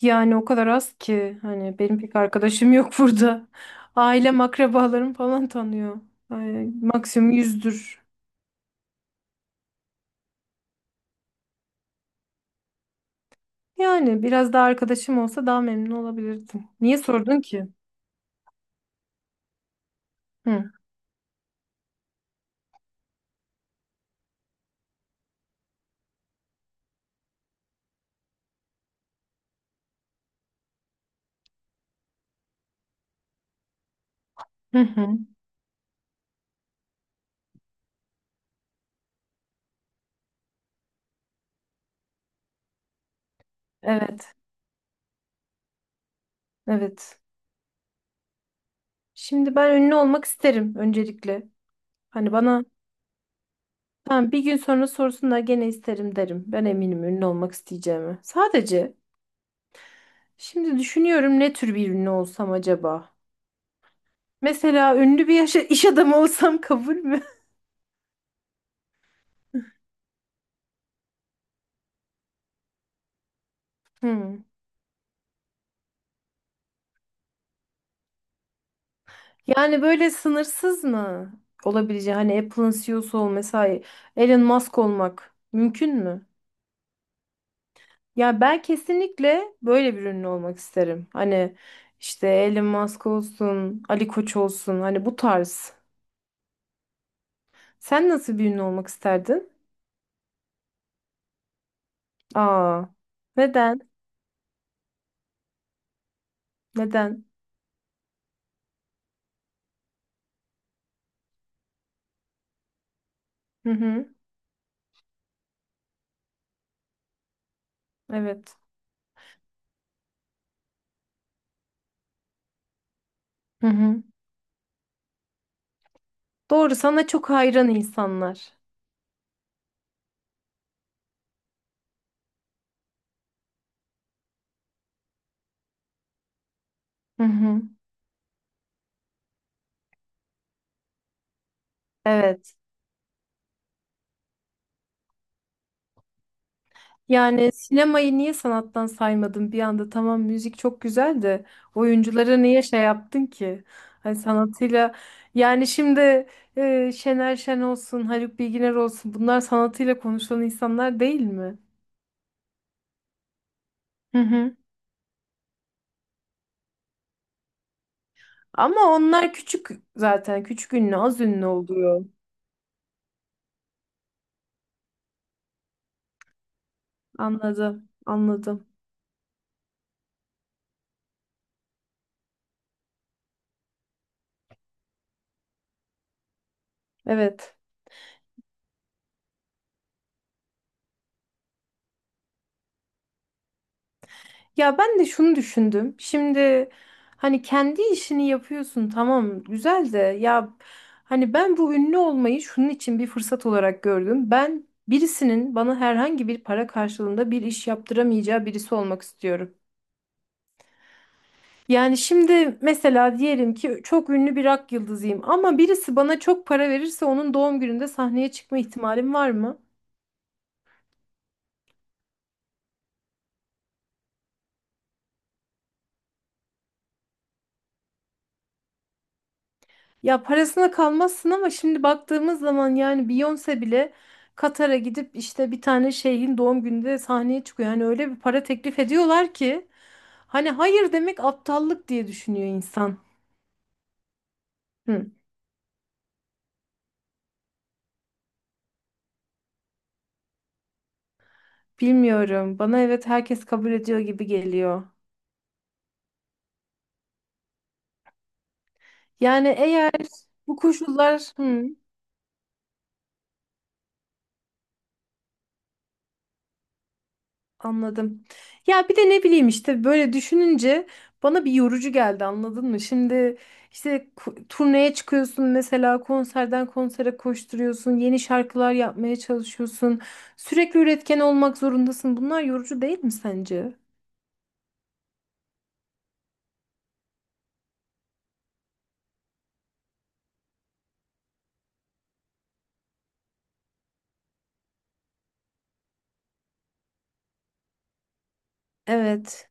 Yani o kadar az ki hani benim pek arkadaşım yok burada. Ailem, akrabalarım falan tanıyor. Ay, maksimum 100'dür. Yani biraz daha arkadaşım olsa daha memnun olabilirdim. Niye sordun ki? Hı. Hı hı. Evet. Evet. Şimdi ben ünlü olmak isterim öncelikle. Hani bana tamam bir gün sonra sorsunlar gene isterim derim. Ben eminim ünlü olmak isteyeceğimi. Sadece şimdi düşünüyorum ne tür bir ünlü olsam acaba? Mesela ünlü bir iş adamı olsam kabul mü? Hmm. Yani böyle sınırsız mı olabileceği hani Apple'ın CEO'su ol mesela Elon Musk olmak mümkün mü? Ya ben kesinlikle böyle bir ünlü olmak isterim. Hani işte Elon Musk olsun, Ali Koç olsun hani bu tarz. Sen nasıl bir ünlü olmak isterdin? Aa, neden? Neden? Hı hı, evet. Hı hı. Doğru, sana çok hayran insanlar. Hı hı. Evet. Yani sinemayı niye sanattan saymadın bir anda? Tamam, müzik çok güzel de oyunculara niye şey yaptın ki? Hani sanatıyla, yani şimdi Şener Şen olsun, Haluk Bilginer olsun bunlar sanatıyla konuşulan insanlar değil mi? Hı hı. Ama onlar küçük, zaten küçük ünlü, az ünlü oluyor. Anladım anladım, evet. Ya ben de şunu düşündüm. Şimdi hani kendi işini yapıyorsun, tamam güzel de ya, hani ben bu ünlü olmayı şunun için bir fırsat olarak gördüm. Ben birisinin bana herhangi bir para karşılığında bir iş yaptıramayacağı birisi olmak istiyorum. Yani şimdi mesela diyelim ki çok ünlü bir rock yıldızıyım ama birisi bana çok para verirse onun doğum gününde sahneye çıkma ihtimalim var mı? Ya parasına kalmazsın ama şimdi baktığımız zaman, yani Beyoncé bile Katar'a gidip işte bir tane şeyhin doğum gününde sahneye çıkıyor. Yani öyle bir para teklif ediyorlar ki hani hayır demek aptallık diye düşünüyor insan. Hı. Bilmiyorum. Bana evet, herkes kabul ediyor gibi geliyor. Yani eğer bu koşullar, hı. Anladım. Ya bir de ne bileyim işte böyle düşününce bana bir yorucu geldi, anladın mı? Şimdi işte turneye çıkıyorsun mesela, konserden konsere koşturuyorsun, yeni şarkılar yapmaya çalışıyorsun. Sürekli üretken olmak zorundasın. Bunlar yorucu değil mi sence? Evet.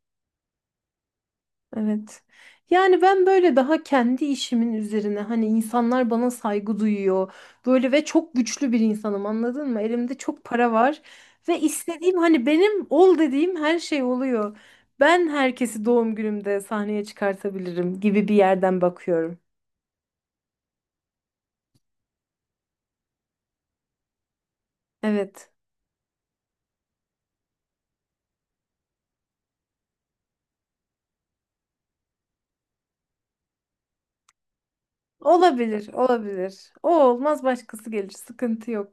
Evet. Yani ben böyle daha kendi işimin üzerine, hani insanlar bana saygı duyuyor. Böyle ve çok güçlü bir insanım, anladın mı? Elimde çok para var ve istediğim, hani benim ol dediğim her şey oluyor. Ben herkesi doğum günümde sahneye çıkartabilirim gibi bir yerden bakıyorum. Evet. Olabilir, olabilir. O olmaz başkası gelir. Sıkıntı yok.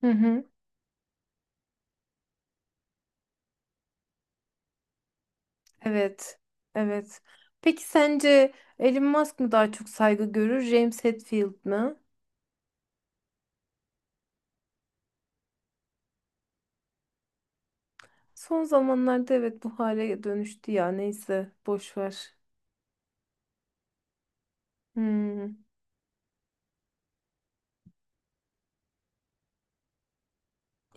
Hı hı. Evet. Evet. Peki sence Elon Musk mı daha çok saygı görür, James Hetfield mi? Son zamanlarda evet, bu hale dönüştü ya, neyse boş ver. Hmm.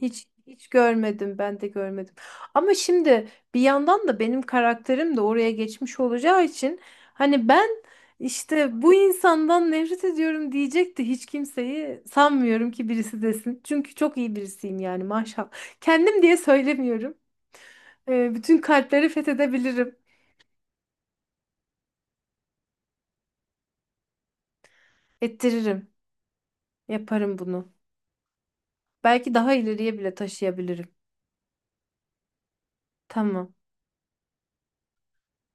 Hiç görmedim, ben de görmedim. Ama şimdi bir yandan da benim karakterim de oraya geçmiş olacağı için hani ben işte bu insandan nefret ediyorum diyecek de hiç kimseyi sanmıyorum ki birisi desin. Çünkü çok iyi birisiyim yani, maşallah. Kendim diye söylemiyorum. Bütün kalpleri fethedebilirim. Ettiririm. Yaparım bunu. Belki daha ileriye bile taşıyabilirim. Tamam.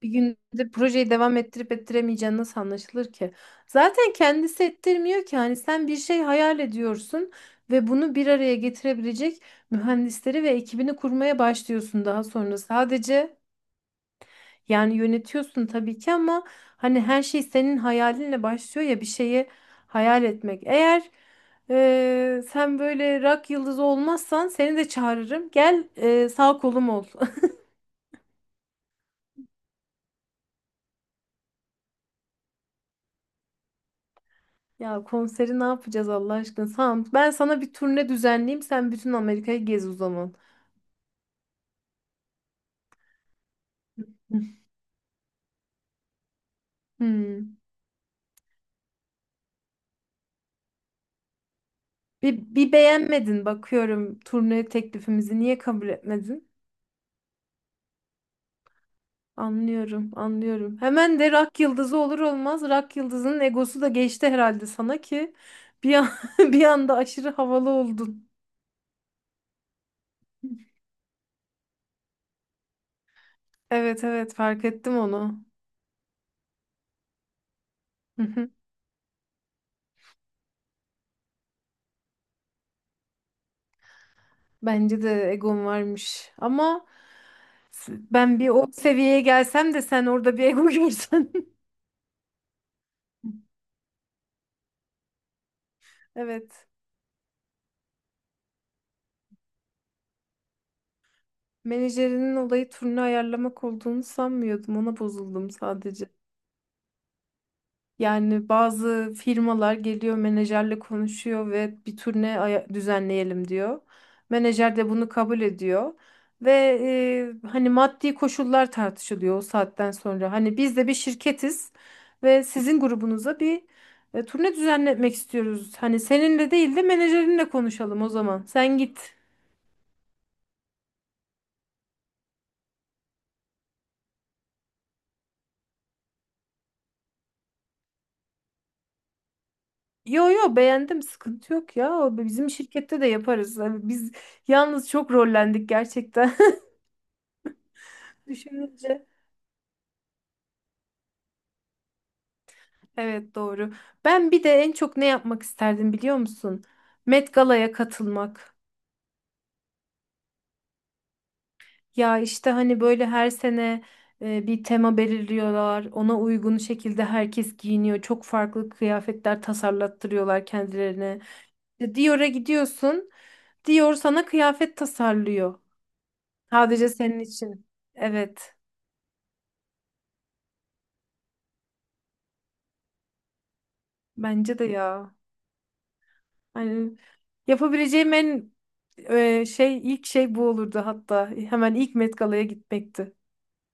Bir gündür projeyi devam ettirip ettiremeyeceğin nasıl anlaşılır ki? Zaten kendisi ettirmiyor ki. Hani sen bir şey hayal ediyorsun ve bunu bir araya getirebilecek mühendisleri ve ekibini kurmaya başlıyorsun daha sonra. Sadece, yani yönetiyorsun tabii ki ama hani her şey senin hayalinle başlıyor ya, bir şeyi hayal etmek. Eğer sen böyle rock yıldızı olmazsan seni de çağırırım. Gel, sağ kolum ol. Ya konseri ne yapacağız Allah aşkına? Tamam. Ben sana bir turne düzenleyeyim. Sen bütün Amerika'yı gez o zaman. Hmm. Bir beğenmedin bakıyorum turne teklifimizi. Niye kabul etmedin? Anlıyorum, anlıyorum. Hemen de rock yıldızı olur olmaz. Rock yıldızının egosu da geçti herhalde sana ki bir an, bir anda aşırı havalı oldun. Evet evet, fark ettim onu. Hı hı. Bence de egom varmış. Ama ben bir o seviyeye gelsem de sen orada bir ego görsen. Evet. Menajerinin olayı turne ayarlamak olduğunu sanmıyordum. Ona bozuldum sadece. Yani bazı firmalar geliyor, menajerle konuşuyor ve bir turne düzenleyelim diyor. Menajer de bunu kabul ediyor. Ve hani maddi koşullar tartışılıyor o saatten sonra. Hani biz de bir şirketiz ve sizin grubunuza bir turne düzenletmek istiyoruz. Hani seninle değil de menajerinle konuşalım o zaman. Sen git. Yo yo, beğendim, sıkıntı yok ya. O bizim şirkette de yaparız. Hani biz yalnız çok rollendik gerçekten, düşününce, evet doğru. Ben bir de en çok ne yapmak isterdim biliyor musun? Met Gala'ya katılmak. Ya işte hani böyle her sene bir tema belirliyorlar, ona uygun şekilde herkes giyiniyor, çok farklı kıyafetler tasarlattırıyorlar kendilerine. İşte Dior'a gidiyorsun, Dior sana kıyafet tasarlıyor, sadece senin için. Evet. Bence de ya. Hani yapabileceğim en şey, ilk şey bu olurdu hatta. Hemen ilk Met Gala'ya gitmekti.